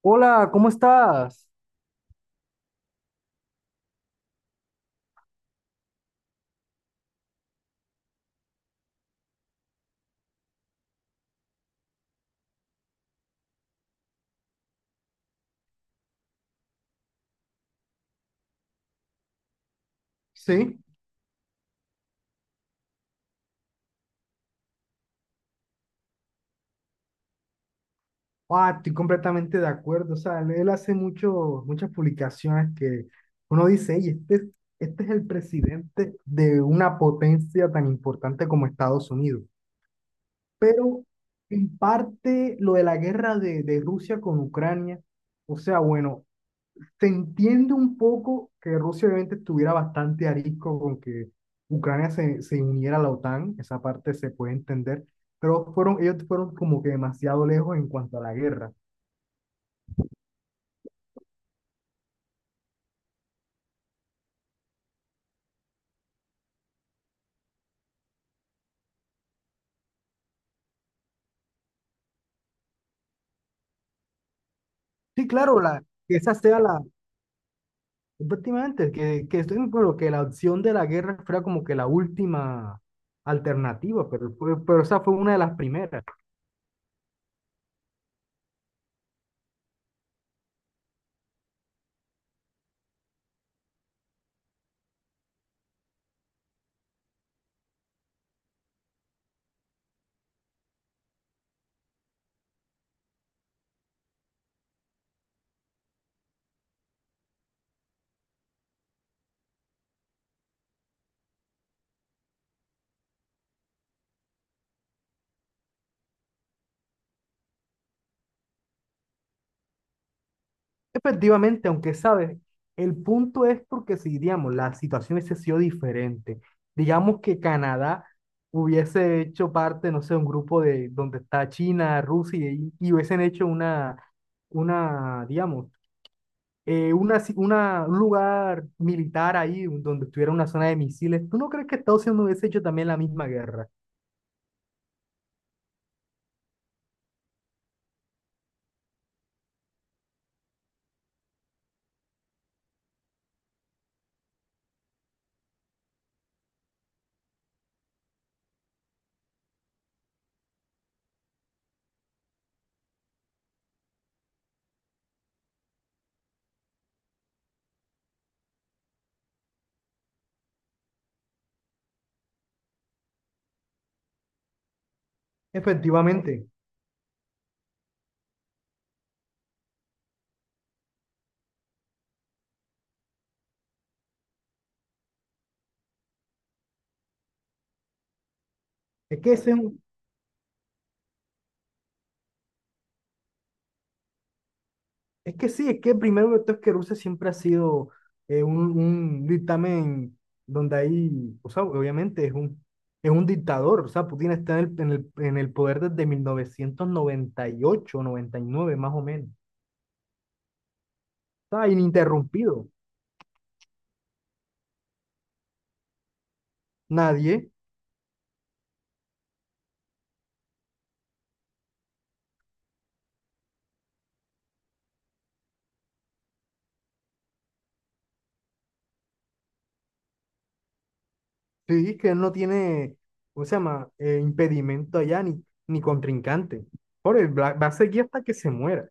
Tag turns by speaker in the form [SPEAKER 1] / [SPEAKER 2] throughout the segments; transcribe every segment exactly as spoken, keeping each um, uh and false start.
[SPEAKER 1] Hola, ¿cómo estás? Sí, ah, estoy completamente de acuerdo. O sea, él hace mucho, muchas publicaciones que uno dice, "Ey, este, es- este es el presidente de una potencia tan importante como Estados Unidos." Pero en parte lo de la guerra de, de Rusia con Ucrania, o sea, bueno, se entiende un poco que Rusia obviamente estuviera bastante arisco con que Ucrania se, se uniera a la OTAN, esa parte se puede entender, pero fueron, ellos fueron como que demasiado lejos en cuanto a la guerra. Sí, claro, la, que esa sea la, efectivamente, que, que estoy de acuerdo, que la opción de la guerra fuera como que la última alternativa, pero, fue- pero esa fue una de las primeras. Efectivamente, aunque sabes, el punto es porque si, digamos, la situación hubiese sido diferente, digamos que Canadá hubiese hecho parte, no sé, un grupo de donde está China, Rusia y, y hubiesen hecho una, una, digamos, eh, una, ci- una, un lugar militar ahí donde estuviera una zona de misiles. ¿Tú no crees que Estados Unidos hubiese hecho también la misma guerra? Efectivamente, es que ese es un es que sí, es que primero que todo es que Rusia siempre ha sido eh, un, un dictamen donde hay, o sea, obviamente es un, es un dictador, o sea, Putin está en el, en el, en el poder desde mil novecientos noventa noventa y ocho noventa y nueve más o menos, está ininterrumpido, nadie. Sí, que él no tiene, ¿cómo se llama? Eh, impedimento allá ni, ni contrincante, por él va, va a seguir hasta que se muera,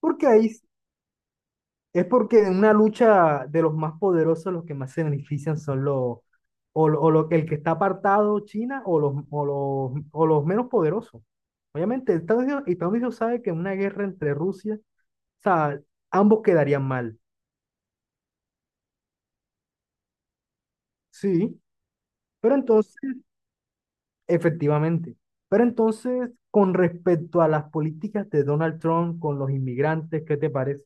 [SPEAKER 1] porque ahí es porque en una lucha de los más poderosos, los que más se benefician son los, o, lo- o lo- el que está apartado, China, o los, o los, o los menos poderosos. Obviamente, Estados Unidos, Estados Unidos sabe que en una guerra entre Rusia, o sea, ambos quedarían mal. Sí, pero entonces, efectivamente, pero entonces, con respecto a las políticas de Donald Trump con los inmigrantes, ¿qué te parece?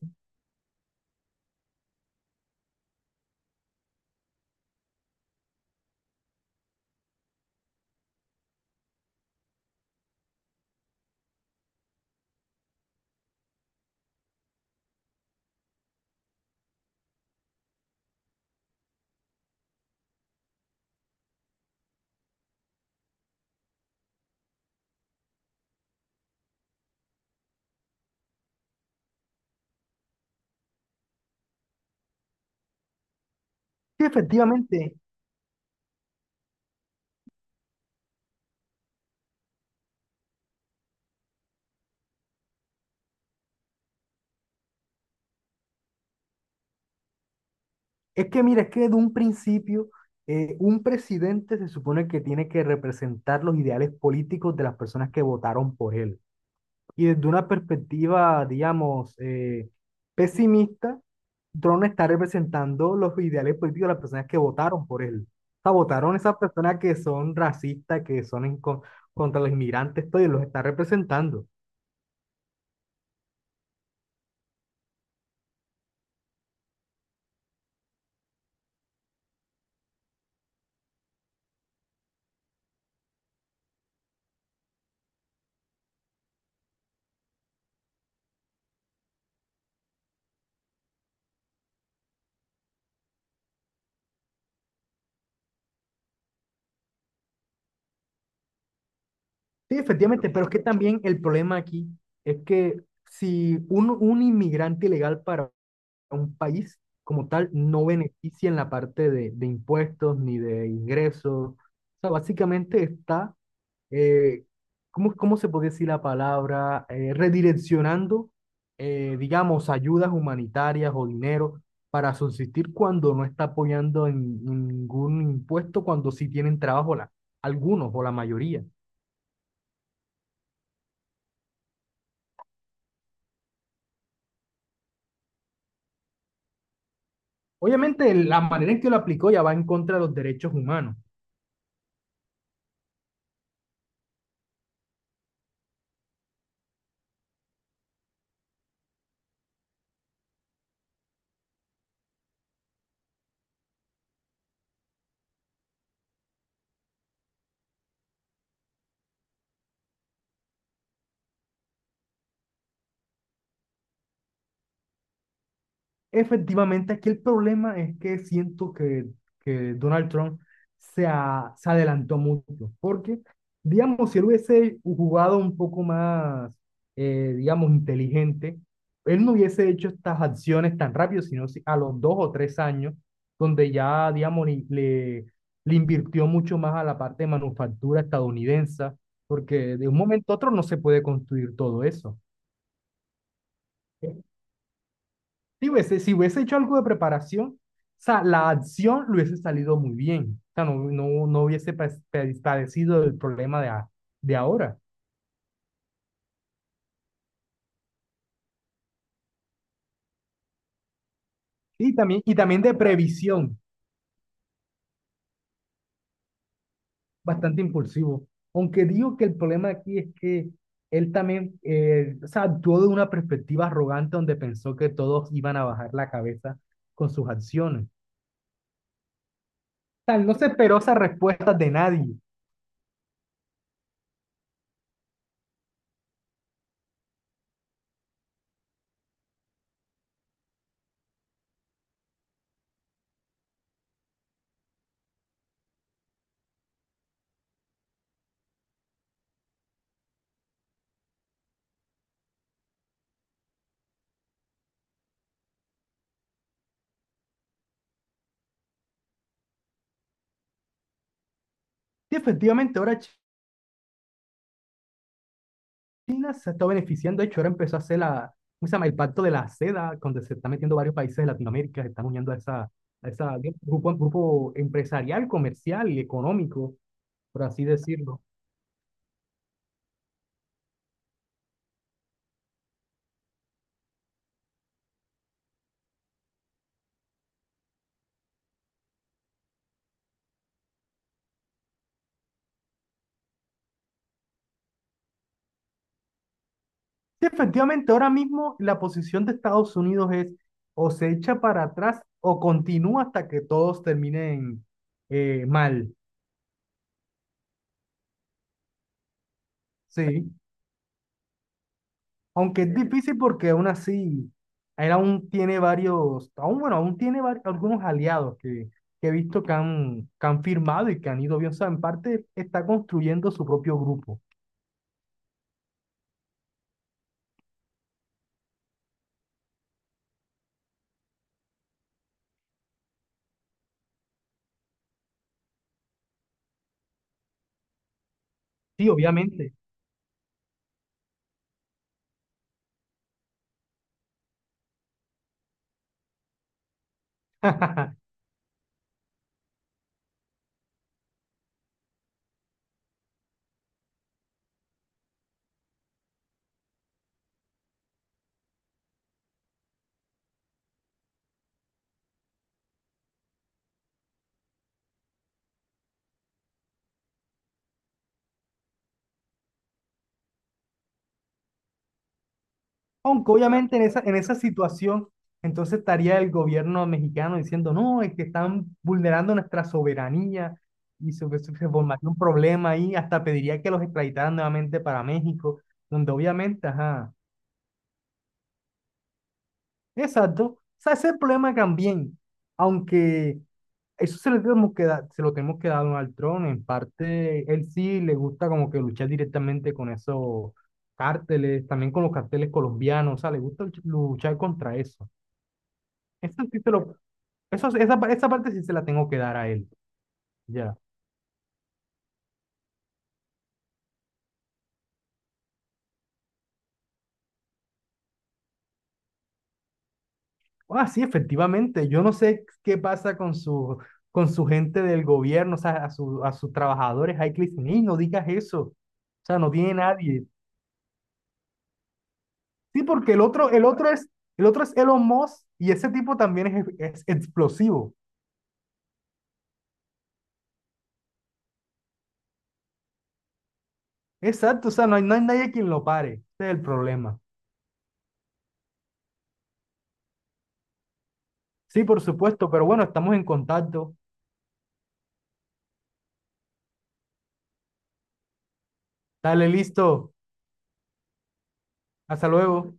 [SPEAKER 1] Sí, efectivamente, es que mira, es que de un principio eh, un presidente se supone que tiene que representar los ideales políticos de las personas que votaron por él. Y desde una perspectiva, digamos, eh, pesimista, Trump no está representando los ideales políticos de las personas que votaron por él. O sea, votaron esas personas que son racistas, que son en con- contra los inmigrantes, todo, y los está representando. Sí, efectivamente, pero es que también el problema aquí es que si un, un inmigrante ilegal para a un país como tal no beneficia en la parte de, de impuestos ni de ingresos. O sea, básicamente está, eh, ¿cómo, cómo se puede decir la palabra? Eh, redireccionando, eh, digamos, ayudas humanitarias o dinero para subsistir cuando no está apoyando en, en ningún impuesto, cuando sí tienen trabajo la, algunos o la mayoría. Obviamente, la manera en que lo aplicó ya va en contra de los derechos humanos. Efectivamente, aquí el problema es que siento que, que Donald Trump se, a- se adelantó mucho, porque, digamos, si él hubiese jugado un poco más, eh, digamos, inteligente, él no hubiese hecho estas acciones tan rápido, sino si- a los dos o tres años, donde ya, digamos, le, le, le invirtió mucho más a la parte de manufactura estadounidense, porque de un momento a otro no se puede construir todo eso. Si hubiese, si hubiese hecho algo de preparación, o sea, la acción le hubiese salido muy bien. O sea, no, no, no hubiese pa- pa- padecido el problema de, a- de ahora. Y también, y también de previsión, bastante impulsivo. Aunque digo que el problema aquí es que él también, eh, o sea, actuó de una perspectiva arrogante donde pensó que todos iban a bajar la cabeza con sus acciones. O sea, él no se esperó esas respuestas de nadie. Y efectivamente, ahora China se está beneficiando. De hecho, ahora empezó a hacer la, ¿cómo se llama? El pacto de la seda, donde se están metiendo varios países de Latinoamérica, se están uniendo a esa, a esa grupo, grupo empresarial, comercial y económico, por así decirlo. Sí, efectivamente, ahora mismo la posición de Estados Unidos es o se echa para atrás o continúa hasta que todos terminen eh, mal. Sí. Aunque es difícil porque aún así, él aún tiene varios, aún bueno, aún tiene vari- algunos aliados que, que he visto que han, que han firmado y que han ido bien. O sea, en parte está construyendo su propio grupo. Sí, obviamente. Aunque obviamente en esa, en esa situación, entonces estaría el gobierno mexicano diciendo, no, es que están vulnerando nuestra soberanía y se, se se formaría un problema ahí, hasta pediría que los extraditaran nuevamente para México, donde obviamente, ajá. Exacto. O sea, ese es el problema también. Aunque eso se lo tenemos que dar, se lo tenemos que dar a Donald Trump. En parte, él sí le gusta como que luchar directamente con esos cárteles, también con los carteles colombianos. O sea, le gusta luch- luchar contra eso. Eso sí se lo, eso, esa, pa- esa parte sí se la tengo que dar a él. Ya. Ah, sí, efectivamente. Yo no sé qué pasa con su, con su gente del gobierno, o sea, a, su, a sus trabajadores. Ay, Cristina, no digas eso. O sea, no tiene nadie. Sí, porque el otro, el otro es, el otro es Elon Musk, y ese tipo también es, es explosivo. Exacto, o sea, no hay, no hay nadie quien lo pare. Ese es el problema. Sí, por supuesto, pero bueno, estamos en contacto. Dale, listo. Hasta luego.